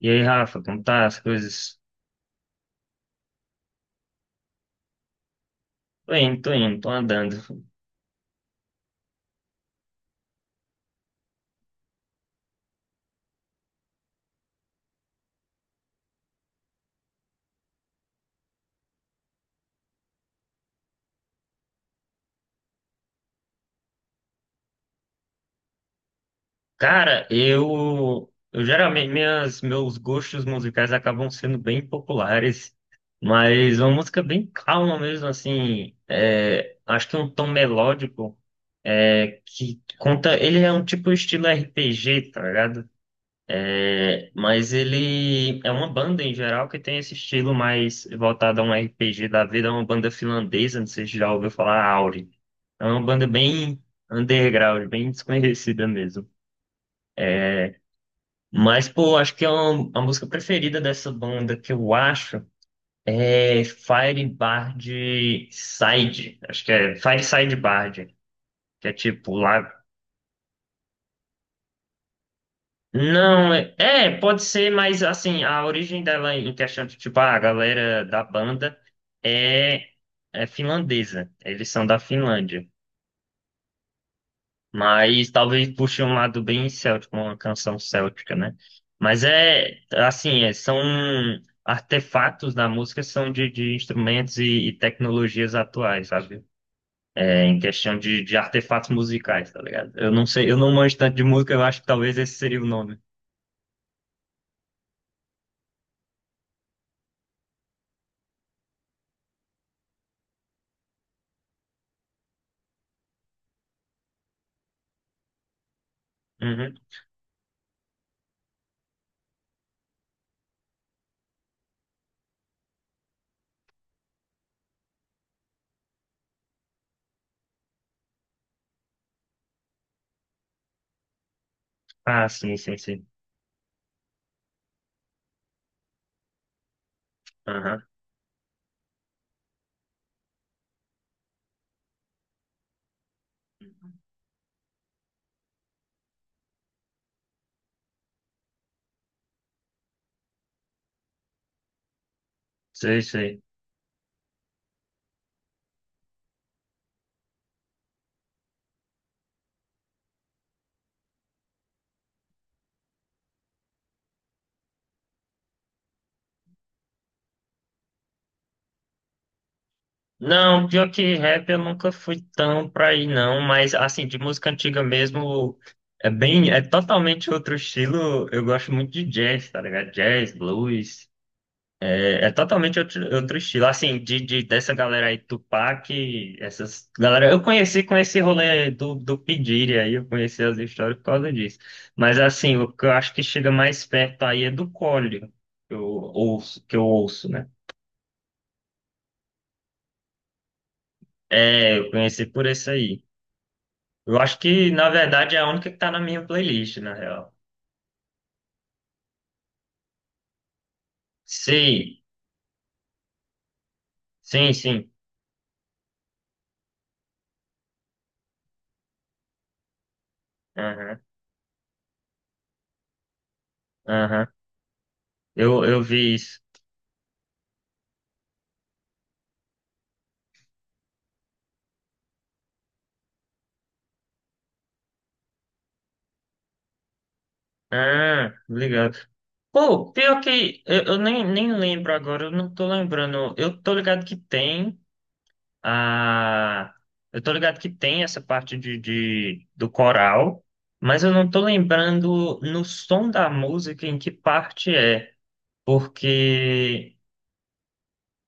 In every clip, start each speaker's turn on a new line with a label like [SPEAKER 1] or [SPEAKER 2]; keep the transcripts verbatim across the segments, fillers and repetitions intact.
[SPEAKER 1] E aí, Rafa, como tá as coisas? Tô indo, tô indo, tô andando. Cara, eu, eu geralmente minhas, meus gostos musicais acabam sendo bem populares, mas uma música bem calma mesmo, assim, é, acho que um tom melódico, é, que conta, ele é um tipo estilo R P G, tá ligado? É, mas ele é uma banda em geral que tem esse estilo mais voltado a um R P G da vida, é uma banda finlandesa, não sei se já ouviu falar, Auri. É uma banda bem underground, bem desconhecida mesmo. Mas, pô, acho que é uma, a música preferida dessa banda que eu acho é Fire Bard Side. Acho que é Fire Side Bard, que é tipo lá. Não, é, é, pode ser, mas assim, a origem dela em questão de, tipo, ah, a galera da banda é, é finlandesa. Eles são da Finlândia. Mas talvez puxe um lado bem céltico, uma canção céltica, né? Mas é, assim, é, são artefatos da música, são de, de instrumentos e, e tecnologias atuais, sabe? É, em questão de, de artefatos musicais, tá ligado? Eu não sei, eu não manjo tanto de música, eu acho que talvez esse seria o nome. Uhum. Ah, sim, sim, sim. Aham. Sei, sei. Não, pior que rap eu nunca fui tão pra aí não, mas assim, de música antiga mesmo, é bem, é totalmente outro estilo. Eu gosto muito de jazz, tá ligado? Jazz, blues, é, é totalmente outro, outro estilo. Assim, de, de- dessa galera aí, Tupac, essas galera, eu conheci com esse rolê do, do P. Diddy aí, eu conheci as histórias por causa disso. Mas assim, o que eu acho que chega mais perto aí é do Collor, que eu ouço, que eu ouço, né? É, eu conheci por esse aí. Eu acho que, na verdade, é a única que tá na minha playlist, na real. Sim, sim, sim. Aham, aham. Eu, eu vi isso. Ah, obrigado. Pô, pior que eu, eu nem, nem lembro agora, eu não tô lembrando. Eu tô ligado que tem a. Eu tô ligado que tem essa parte de, de, do coral, mas eu não tô lembrando no som da música em que parte é. Porque.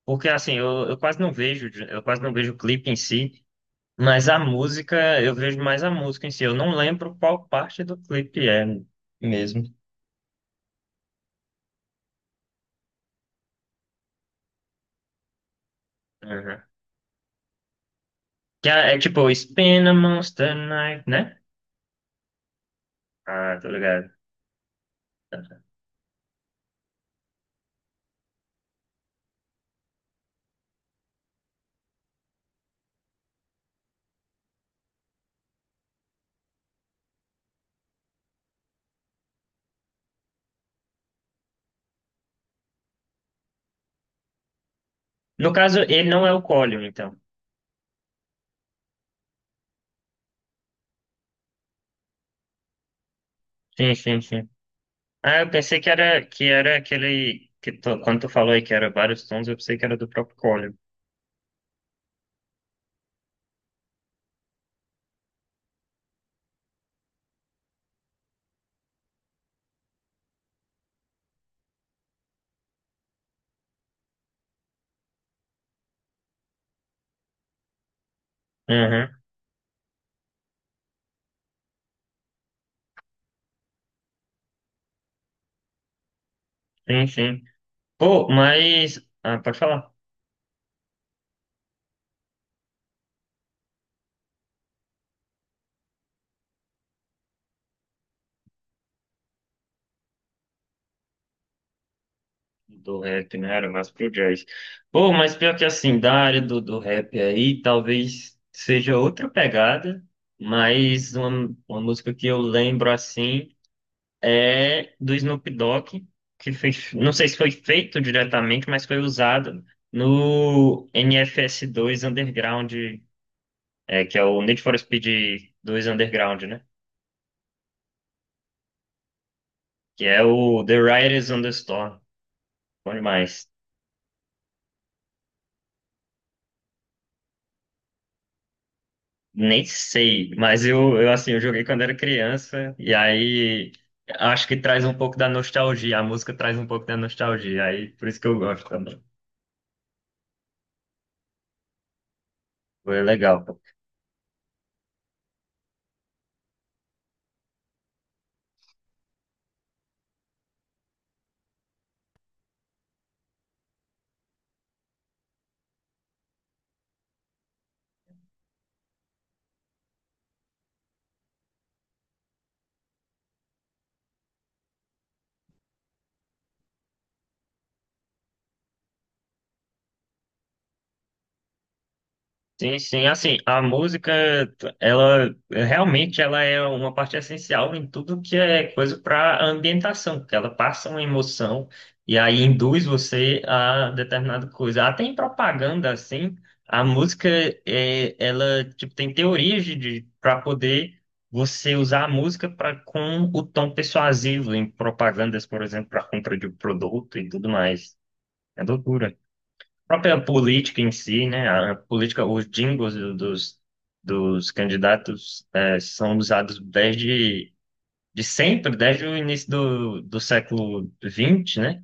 [SPEAKER 1] Porque assim, eu, eu quase não vejo, eu quase não vejo o clipe em si, mas a música, eu vejo mais a música em si. Eu não lembro qual parte do clipe é mesmo. Uhum. Que é, é tipo Spin a Monster Night, né? Ah, tô ligado. No caso, ele não é o Colin, então. Sim, sim, sim. Ah, eu pensei que era, que era aquele que tu- quando tu falou aí que era vários tons, eu pensei que era do próprio Colin. Uhum. Sim, sim. Pô, mas. Ah, pode falar. Do rap, né? Era mais pro jazz. Pô, mas pior que assim, da área do, do rap aí, talvez seja outra pegada, mas uma, uma música que eu lembro assim é do Snoop Dogg, que fez, não sei se foi feito diretamente, mas foi usado no nfs dois Underground, é, que é o Need for Speed dois Underground, né? Que é o The Riders on the Storm. Bom demais. Nem sei, mas eu, eu assim, eu joguei quando era criança, e aí acho que traz um pouco da nostalgia, a música traz um pouco da nostalgia, aí por isso que eu gosto também. Foi legal. Sim, sim, assim, a música, ela realmente ela é uma parte essencial em tudo que é coisa para ambientação, porque ela passa uma emoção e aí induz você a determinada coisa. Até em propaganda, assim, a música é, ela tipo tem teorias de para poder você usar a música para com o tom persuasivo em propagandas, por exemplo, para compra de um produto e tudo mais. É loucura própria política em si, né? A política, os jingles do- dos, dos candidatos eh, são usados desde de sempre, desde o início do, do século vinte, né?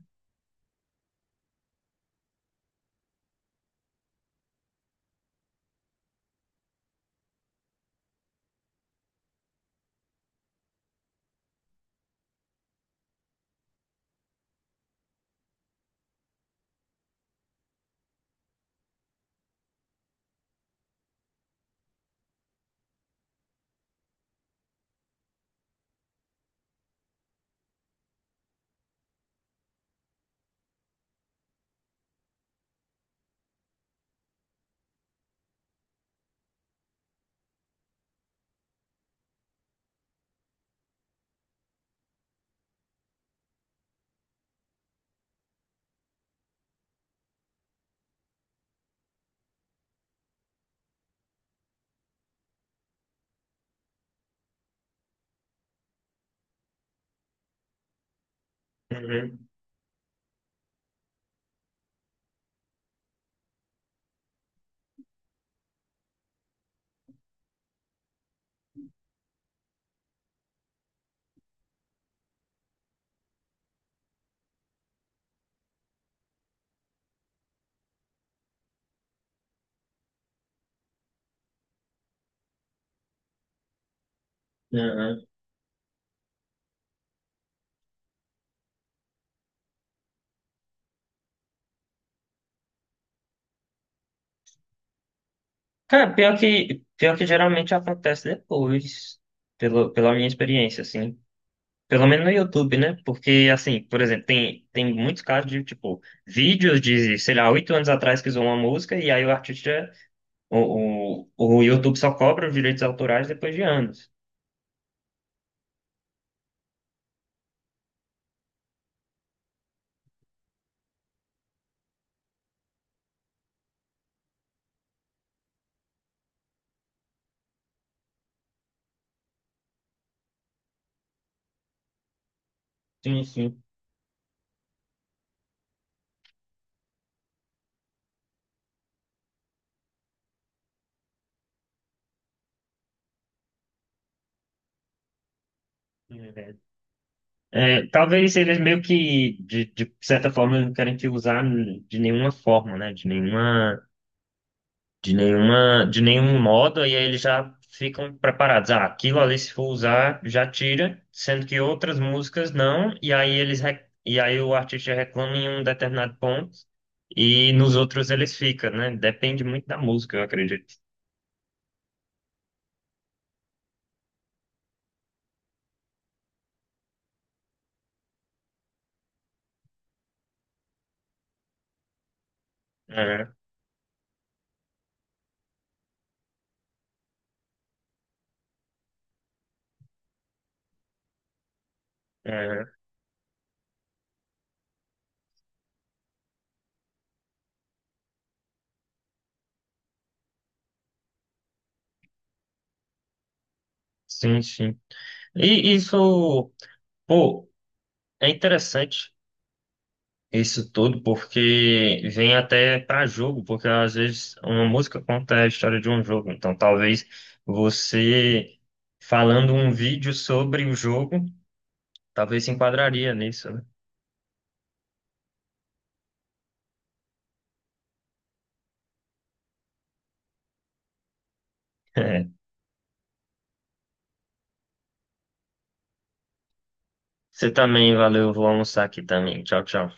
[SPEAKER 1] Uhum. Uhum. Cara, pior que, pior que geralmente acontece depois, pelo, pela minha experiência, assim. Pelo menos no YouTube, né? Porque, assim, por exemplo, tem, tem muitos casos de, tipo, vídeos de, sei lá, oito anos atrás que usou uma música e aí o artista. O, o, o YouTube só cobra os direitos autorais depois de anos. Sim, sim. É, verdade. É, talvez eles meio que, de, de certa forma, não querem te usar de nenhuma forma, né? De nenhuma, de nenhuma, de nenhum modo, e aí eles já ficam preparados. Ah, aquilo ali, se for usar, já tira, sendo que outras músicas não, e aí eles, re- e aí o artista reclama em um determinado ponto, e nos outros eles ficam, né? Depende muito da música, eu acredito. É, é, sim, sim. E isso, pô, é interessante isso tudo, porque vem até para jogo, porque às vezes uma música conta a história de um jogo. Então, talvez você falando um vídeo sobre o jogo, talvez se enquadraria nisso, né? É. Você também, valeu, vou almoçar aqui também. Tchau, tchau.